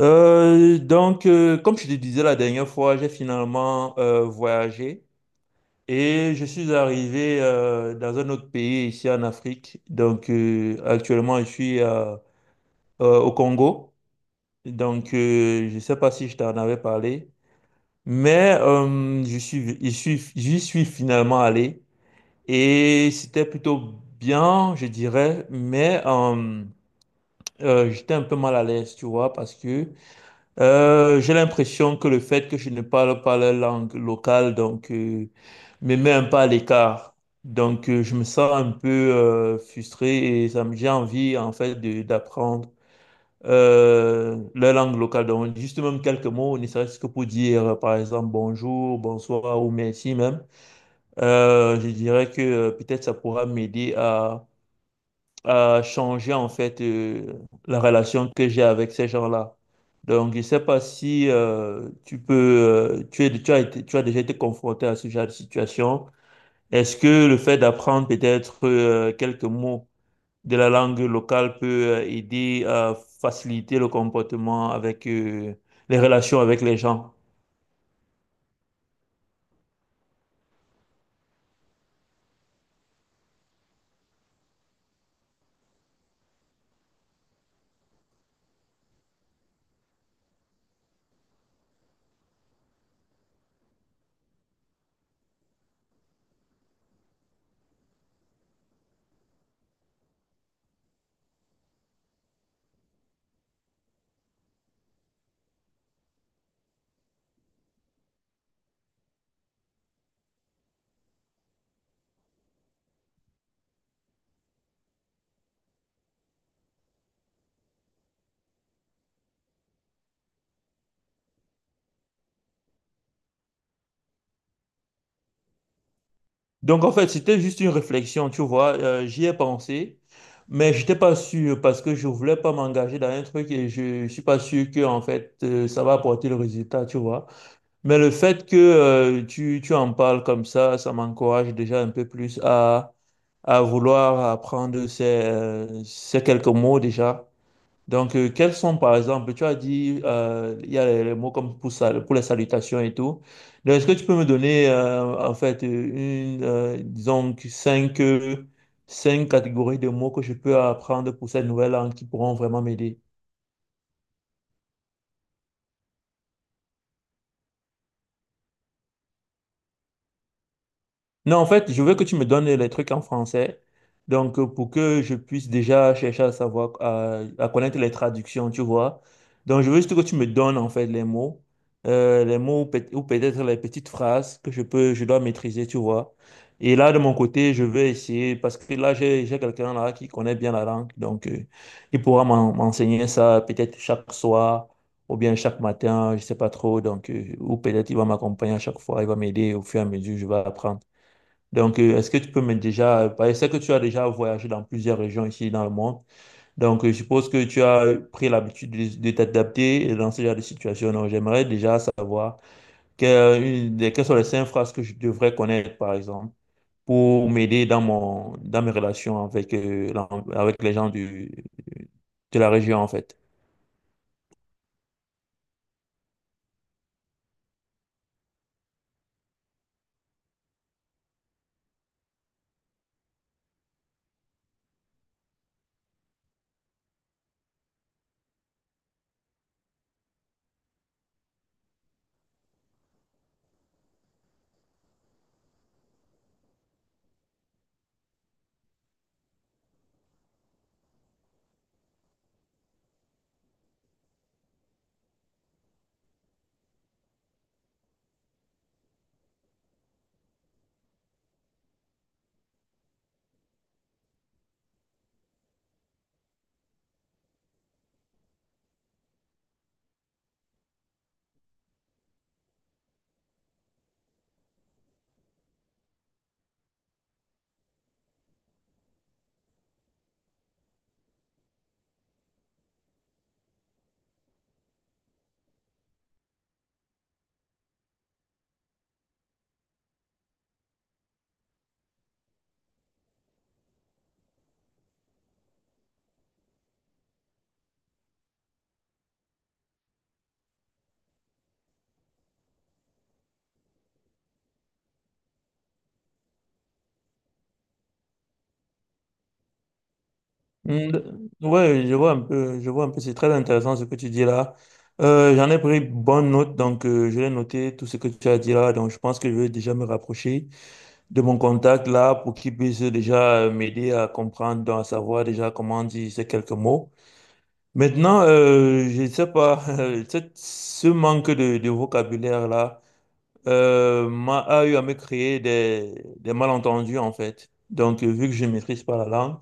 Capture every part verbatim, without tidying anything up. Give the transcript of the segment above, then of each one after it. Euh, donc, euh, comme je te disais la dernière fois, j'ai finalement euh, voyagé et je suis arrivé euh, dans un autre pays ici en Afrique. Donc, euh, actuellement, je suis euh, euh, au Congo. Donc, euh, je ne sais pas si je t'en avais parlé, mais euh, je suis, je suis, j'y suis finalement allé et c'était plutôt bien, je dirais, mais euh, euh, j'étais un peu mal à l'aise, tu vois, parce que Euh, j'ai l'impression que le fait que je ne parle pas la langue locale, donc, euh, me met un peu à l'écart. Donc, euh, je me sens un peu euh, frustré et ça me, j'ai envie, en fait, de- d'apprendre euh, la langue locale. Donc, juste même quelques mots, ne serait-ce que pour dire, euh, par exemple, bonjour, bonsoir ou merci même. Euh, je dirais que euh, peut-être ça pourra m'aider à changer en fait euh, la relation que j'ai avec ces gens-là. Donc, je ne sais pas si euh, tu peux, euh, tu es, tu as été- tu as déjà été confronté à ce genre de situation. Est-ce que le fait d'apprendre peut-être euh, quelques mots de la langue locale peut euh, aider à faciliter le comportement avec euh, les relations avec les gens? Donc en fait, c'était juste une réflexion, tu vois, euh, j'y ai pensé, mais j'étais pas sûr parce que je voulais pas m'engager dans un truc et je, je suis pas sûr que en fait euh, ça va apporter le résultat, tu vois. Mais le fait que euh, tu, tu en parles comme ça, ça m'encourage déjà un peu plus à, à vouloir apprendre ces, euh, ces quelques mots déjà donc, euh, quels sont, par exemple, tu as dit, euh, il y a les, les mots comme pour, sal- pour les salutations et tout. Donc, est-ce que tu peux me donner, euh, en fait, euh, une, euh, disons, que cinq, euh, cinq catégories de mots que je peux apprendre pour cette nouvelle langue qui pourront vraiment m'aider? Non, en fait, je veux que tu me donnes les trucs en français. Donc, euh, pour que je puisse déjà chercher à savoir, à, à connaître les traductions, tu vois. Donc, je veux juste que tu me donnes, en fait, les mots, euh, les mots ou peut- ou peut-être les petites phrases que je peux, je dois maîtriser, tu vois. Et là, de mon côté, je vais essayer, parce que là, j'ai, j'ai quelqu'un là qui connaît bien la langue. Donc, euh, il pourra m'en- m'enseigner ça peut-être chaque soir ou bien chaque matin, je sais pas trop. Donc, euh, ou peut-être il va m'accompagner à chaque fois, il va m'aider au fur et à mesure, je vais apprendre. Donc, euh, est-ce que tu peux me déjà, parce que je sais que tu as déjà voyagé dans plusieurs régions ici dans le monde. Donc, euh, je suppose que tu as pris l'habitude de, de t'adapter dans ce genre de situation. Donc, j'aimerais déjà savoir que- une des- quelles sont les cinq phrases que je devrais connaître, par exemple, pour m'aider dans mon, dans mes relations avec, euh, l'en- avec les gens du, de la région, en fait. Mm, d- Ouais, je vois un peu, je vois un peu, c'est très intéressant ce que tu dis là. Euh, j'en ai pris bonne note, donc euh, je vais noter tout ce que tu as dit là. Donc je pense que je vais déjà me rapprocher de mon contact là pour qu'il puisse déjà euh, m'aider à comprendre, donc à savoir déjà comment dire ces quelques mots. Maintenant, euh, je ne sais pas, euh, cette- ce manque de, de vocabulaire là euh, m'a a eu à me créer des, des malentendus en fait. Donc euh, vu que je ne maîtrise pas la langue.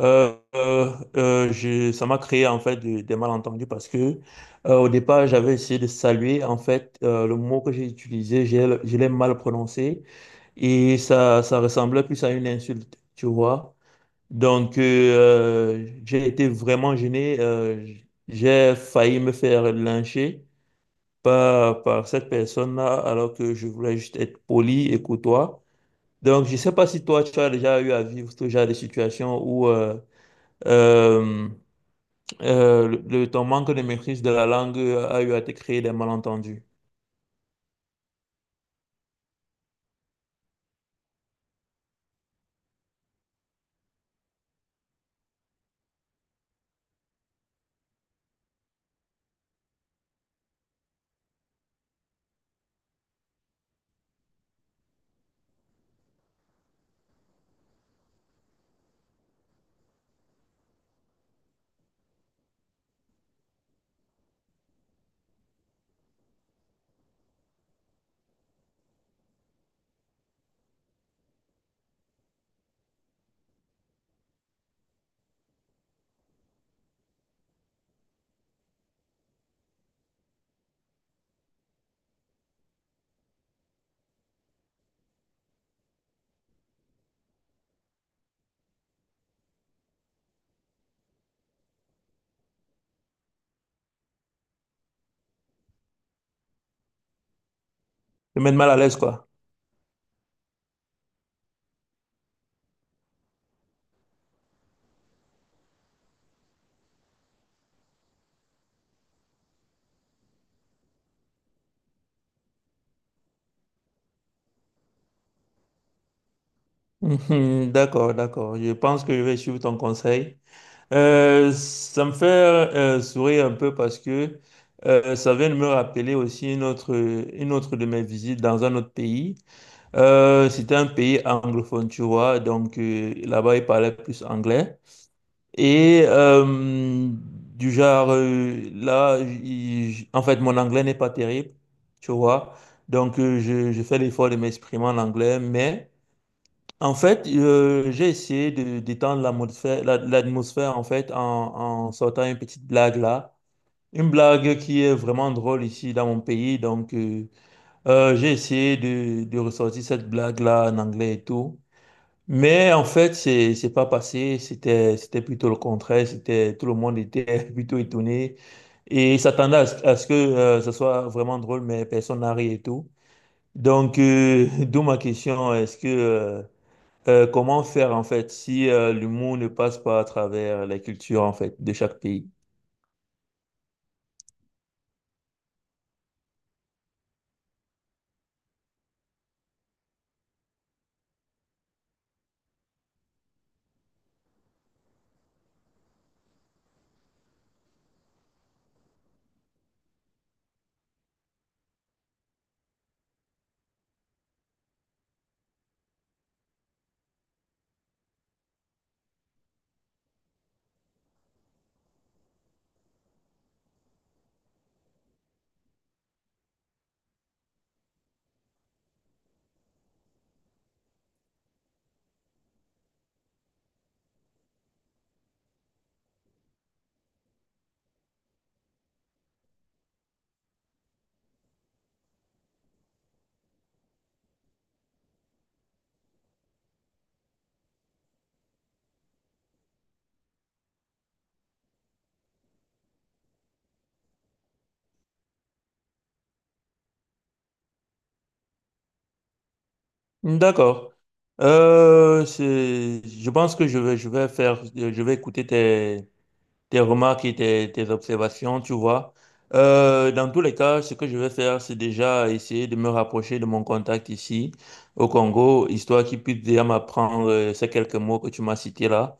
Euh, euh, euh, je, ça m'a créé en fait de- des malentendus parce que euh, au départ j'avais essayé de saluer en fait euh, le mot que j'ai utilisé, j'ai le- je l'ai mal prononcé et ça, ça ressemblait plus à une insulte, tu vois. Donc euh, euh, j'ai été vraiment gêné, euh, j'ai failli me faire lyncher par, par cette personne-là alors que je voulais juste être poli et courtois. Donc je sais pas si toi tu as déjà eu à vivre ce genre de situation où euh, euh, euh, le, le- ton manque de maîtrise de la langue a eu à te créer des malentendus. Te mettre mal à l'aise, quoi. Mhm. D'accord, d'accord. Je pense que je vais suivre ton conseil. Euh, ça me fait euh, sourire un peu parce que euh, ça vient de me rappeler aussi une autre, une autre de mes visites dans un autre pays. Euh, c'était un pays anglophone, tu vois. Donc euh, là-bas, ils parlaient plus anglais. Et euh, du genre, euh, là, j- j- en fait, mon anglais n'est pas terrible, tu vois. Donc, euh, je, je fais l'effort de m'exprimer en anglais. Mais, en fait, euh, j'ai essayé de d'étendre l'atmosphère, la- l'atmosphère, en fait, en, en sortant une petite blague là. Une blague qui est vraiment drôle ici dans mon pays. Donc, euh, euh, j'ai essayé de, de ressortir cette blague là en anglais et tout. Mais en fait, c'est c'est pas passé. C'était c'était plutôt le contraire. C'était tout le monde était plutôt étonné et s'attendait à, ce à ce que euh, ça soit vraiment drôle, mais personne n'a ri et tout. Donc, euh, d'où ma question, est-ce que euh, euh, comment faire en fait si euh, l'humour ne passe pas à travers la culture en fait de chaque pays? D'accord. Euh, c'est- je pense que je vais je vais faire je vais écouter tes tes remarques et tes, tes observations, tu vois. Euh, dans tous les cas, ce que je vais faire, c'est déjà essayer de me rapprocher de mon contact ici au Congo, histoire qu'il puisse déjà m'apprendre euh, ces quelques mots que tu m'as cités là.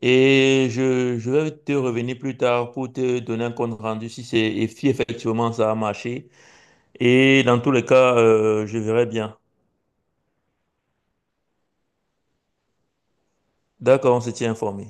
Et je, je vais te revenir plus tard pour te donner un compte rendu si c'est et si effectivement ça a marché. Et dans tous les cas, euh, je verrai bien. D'accord, on se tient informé.